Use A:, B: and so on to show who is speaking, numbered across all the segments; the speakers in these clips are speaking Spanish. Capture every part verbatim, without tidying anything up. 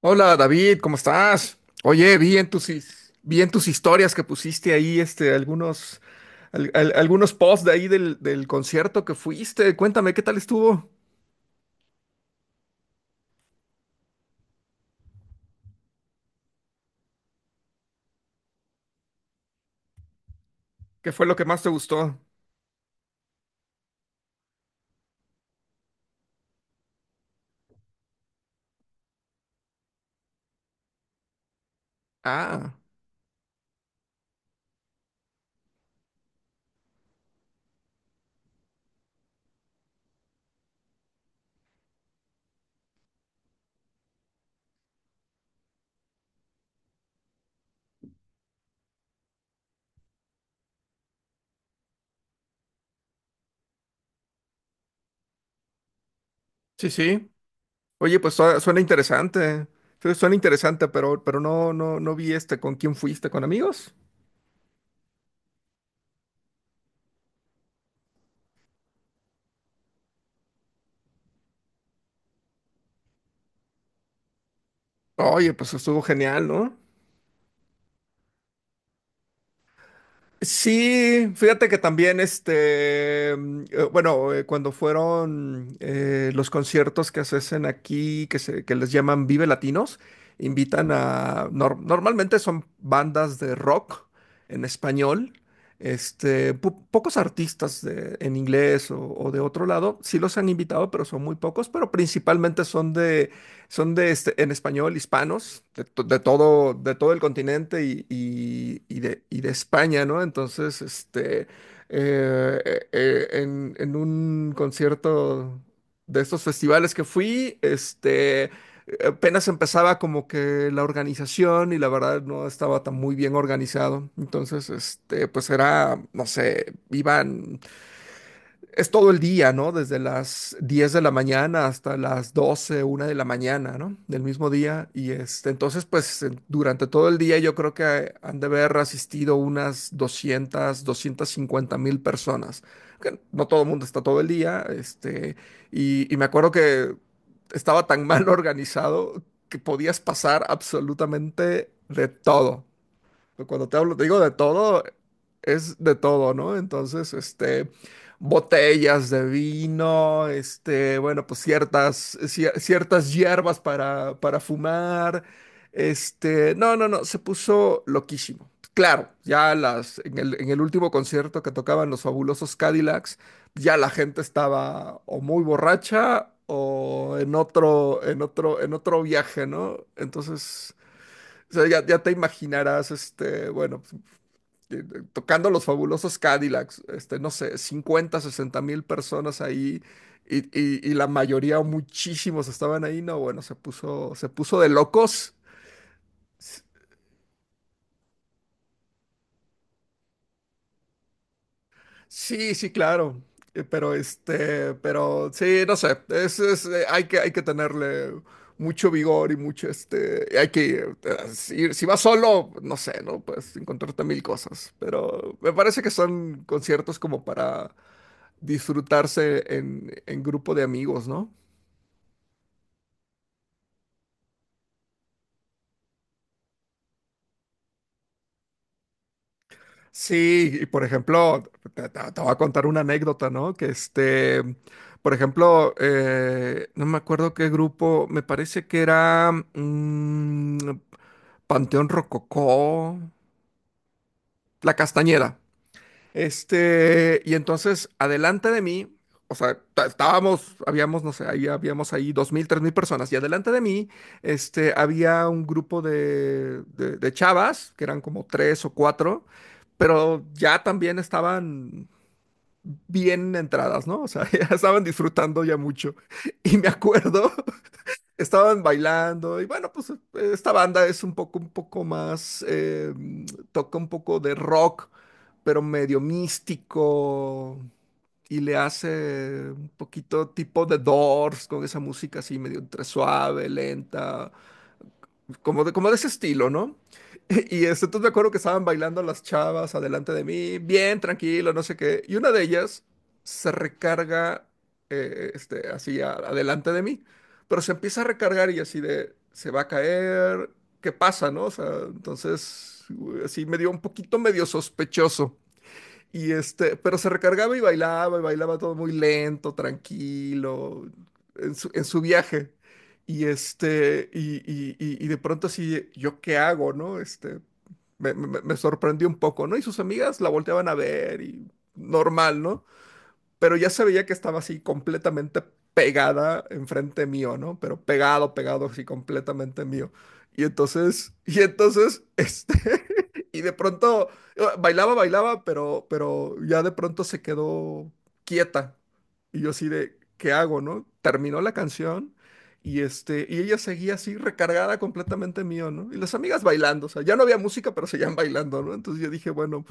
A: Hola David, ¿cómo estás? Oye, vi en tus, his- vi en tus historias que pusiste ahí este, algunos, al- al- algunos posts de ahí del, del concierto que fuiste. Cuéntame, ¿qué tal estuvo? ¿Qué fue lo que más te gustó? Ah, sí, sí. Oye, pues su- suena interesante. Su- Suena interesante, pero, pero no, no, no vi este con quién fuiste, ¿con amigos? Oye, pues estuvo genial, ¿no? Sí, fíjate que también, este, mm, eh, bueno, eh, cuando fueron eh, los conciertos que se hacen aquí, que, se, que les llaman Vive Latinos, invitan a, nor- normalmente son bandas de rock en español. Este, po- pocos artistas de- en inglés o, o de otro lado, sí los han invitado, pero son muy pocos, pero principalmente son son de este, en español, hispanos, de, to- de todo, de todo el continente y, y- y de, y de España, ¿no? Entonces, este, eh, eh, eh, en, en un concierto de estos festivales que fui, este, apenas empezaba como que la organización y la verdad no estaba tan muy bien organizado. Entonces, este, pues era, no sé, iban es todo el día, ¿no? Desde las diez de la mañana hasta las doce, una de la mañana, ¿no? Del mismo día. Y este, entonces, pues eh, durante todo el día yo creo que han de haber asistido unas doscientas, doscientas cincuenta mil personas. Que no todo el mundo está todo el día. Este, y, y me acuerdo que estaba tan mal organizado que podías pasar absolutamente de todo. Pues, Cuando te hablo, te digo de todo, es de todo, ¿no? Entonces, este, botellas de vino. Este, bueno, pues ciertas, cier- ciertas hierbas para, para fumar. Este, no, no, no, se puso loquísimo. Claro, ya las, en el, en el último concierto que tocaban los Fabulosos Cadillacs, ya la gente estaba o muy borracha o en otro, en otro, en otro viaje, ¿no? Entonces. O sea, ya, ya te imaginarás. Este, bueno, pues, eh, eh, tocando los Fabulosos Cadillacs, este, no sé, cincuenta sesenta mil personas ahí, y, y- y la mayoría, o muchísimos estaban ahí, no, bueno, se puso, se puso de locos. Sí, sí, claro. Eh, Pero este, pero sí, no sé. Es, es, eh, hay que, hay que tenerle mucho vigor y mucho este. Y hay que eh, ir- si vas solo, no sé, ¿no? Pues encontrarte mil cosas. Pero me parece que son conciertos como para disfrutarse en, en grupo de amigos, ¿no? Sí, y por ejemplo, te, te- te voy a contar una anécdota, ¿no? Que este, por ejemplo, eh, no me acuerdo qué grupo, me parece que era, mm, Panteón Rococó, La Castañeda. Este, y entonces, adelante de mí, o sea, ta- estábamos, habíamos, no sé, ahí habíamos ahí dos mil, tres mil personas, y adelante de mí, este, había un grupo de, de de chavas, que eran como tres o cuatro, pero ya también estaban bien entradas, ¿no? O sea, ya estaban disfrutando ya mucho. Y me acuerdo, estaban bailando y bueno, pues eh, esta banda es un poco, un poco más, eh, toca un poco de rock, pero medio místico, y le hace un poquito tipo de Doors, con esa música así medio entre suave, lenta, como de, como de ese estilo, ¿no? Y este, entonces me acuerdo que estaban bailando las chavas adelante de mí, bien tranquilo, no sé qué. Y una de ellas se recarga eh, este, así a- adelante de mí, pero se empieza a recargar y así de, se va a caer, ¿qué pasa, no? O sea, entonces, u- así me dio un poquito medio sospechoso. Y este, pero se recargaba y bailaba, y bailaba todo muy lento, tranquilo, en su, en su viaje. Y este, y, y- y- y de pronto así, ¿yo qué hago, no? Este, me, me- me sorprendió un poco, ¿no? Y sus amigas la volteaban a ver y normal, ¿no? Pero ya se veía que estaba así completamente pegada enfrente mío, ¿no? Pero pegado, pegado, así completamente mío. Y entonces, y entonces, este, y de pronto eh, bailaba, bailaba, pero, pero ya de pronto se quedó quieta. Y yo así de, ¿qué hago, no? Terminó la canción y este, y ella seguía así recargada completamente mío, ¿no? Y las amigas bailando, o sea, ya no había música, pero seguían bailando, ¿no? Entonces yo dije, bueno,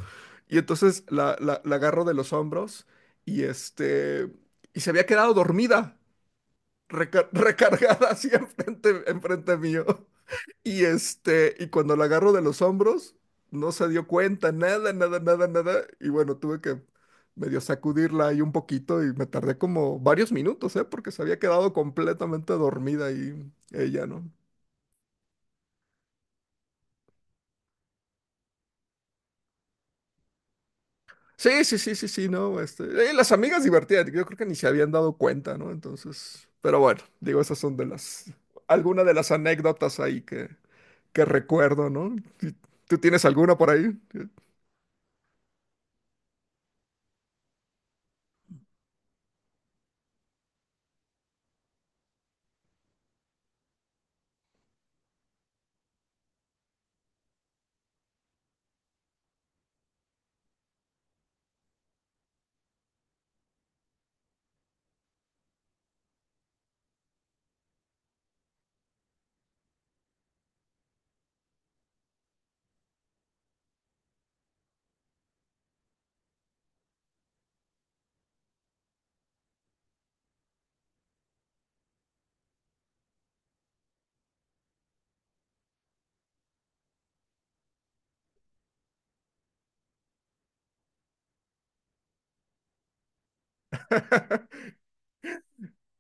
A: y entonces la, la, la agarro de los hombros y este, y se había quedado dormida, reca- recargada así enfrente, enfrente mío. Y este, y cuando la agarro de los hombros, no se dio cuenta, nada, nada, nada, nada. Y bueno, tuve que medio sacudirla ahí un poquito y me tardé como varios minutos, ¿eh? Porque se había quedado completamente dormida ahí ella, ¿no? Sí, sí, sí, sí, sí, no. Este, eh, las amigas divertidas, yo creo que ni se habían dado cuenta, ¿no? Entonces, pero bueno, digo, esas son de las, algunas de las anécdotas ahí que, que recuerdo, ¿no? ¿Tú tú tienes alguna por ahí?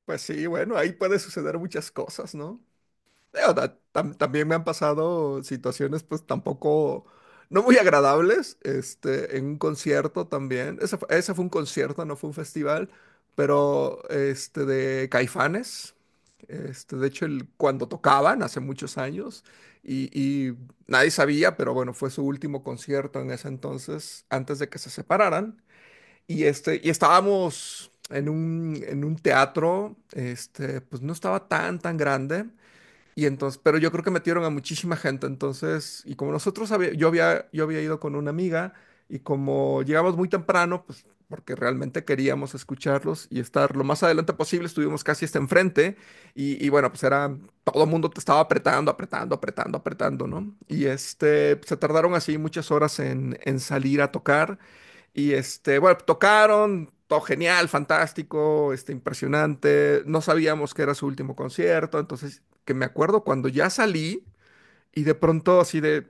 A: Pues sí, bueno, ahí puede suceder muchas cosas, ¿no? Digo, ta- tam- también me han pasado situaciones, pues tampoco, no muy agradables, este, en un concierto también. Ese fue, ese fue un concierto, no fue un festival, pero este, de Caifanes. Este, de hecho, el- cuando tocaban hace muchos años, y, y nadie sabía, pero bueno, fue su último concierto en ese entonces, antes de que se separaran. Y, este, y estábamos en un, en un teatro. Este, pues no estaba tan, tan grande. Y entonces, pero yo creo que metieron a muchísima gente, entonces, y como nosotros había- yo había, yo había ido con una amiga, y como llegamos muy temprano, pues porque realmente queríamos escucharlos y estar lo más adelante posible, estuvimos casi hasta enfrente, y, y bueno, pues era, todo el mundo te estaba apretando, apretando, apretando, apretando, ¿no? Y este, se tardaron así muchas horas en, en salir a tocar, y este, bueno, tocaron. Todo genial, fantástico, este, impresionante. No sabíamos que era su último concierto, entonces que me acuerdo cuando ya salí y de pronto así de,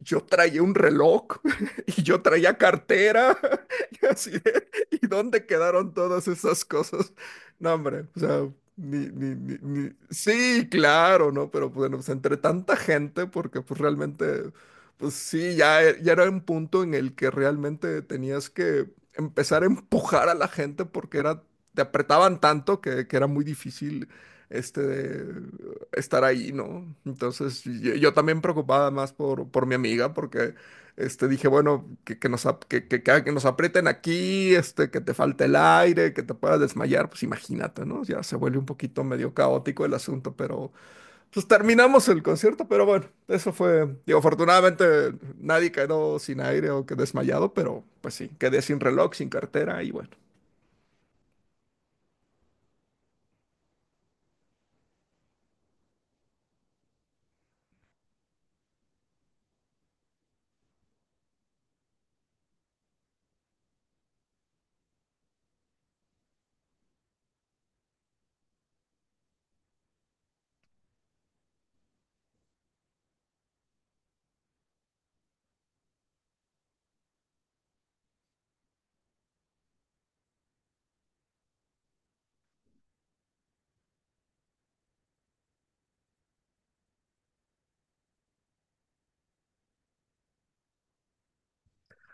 A: yo traía un reloj y yo traía cartera y así de, ¿y dónde quedaron todas esas cosas? No, hombre, o sea, ni, ni, ni, ni- sí, claro, ¿no? Pero bueno, pues entre tanta gente, porque pues realmente, pues sí, ya, e- ya era un punto en el que realmente tenías que empezar a empujar a la gente, porque era, te apretaban tanto que, que era muy difícil este estar ahí, ¿no? Entonces yo, yo también preocupada más por, por mi amiga, porque este, dije, bueno, que, que nos, ap- que, que, que- que nos aprieten aquí, este, que te falte el aire, que te puedas desmayar, pues imagínate, ¿no? Ya se vuelve un poquito medio caótico el asunto, pero pues terminamos el concierto, pero bueno, eso fue, digo, afortunadamente nadie quedó sin aire o que desmayado, pero pues sí, quedé sin reloj, sin cartera y bueno.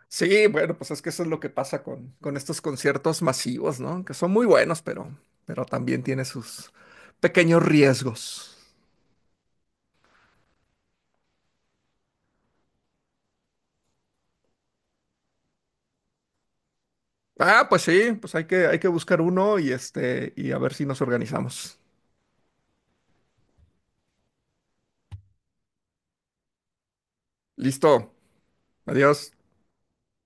A: Sí, bueno, pues es que eso es lo que pasa con, con estos conciertos masivos, ¿no? Que son muy buenos, pero, pero también tiene sus pequeños riesgos. Ah, pues sí, pues hay que, hay que buscar uno y este, y a ver si nos organizamos. Listo. Adiós.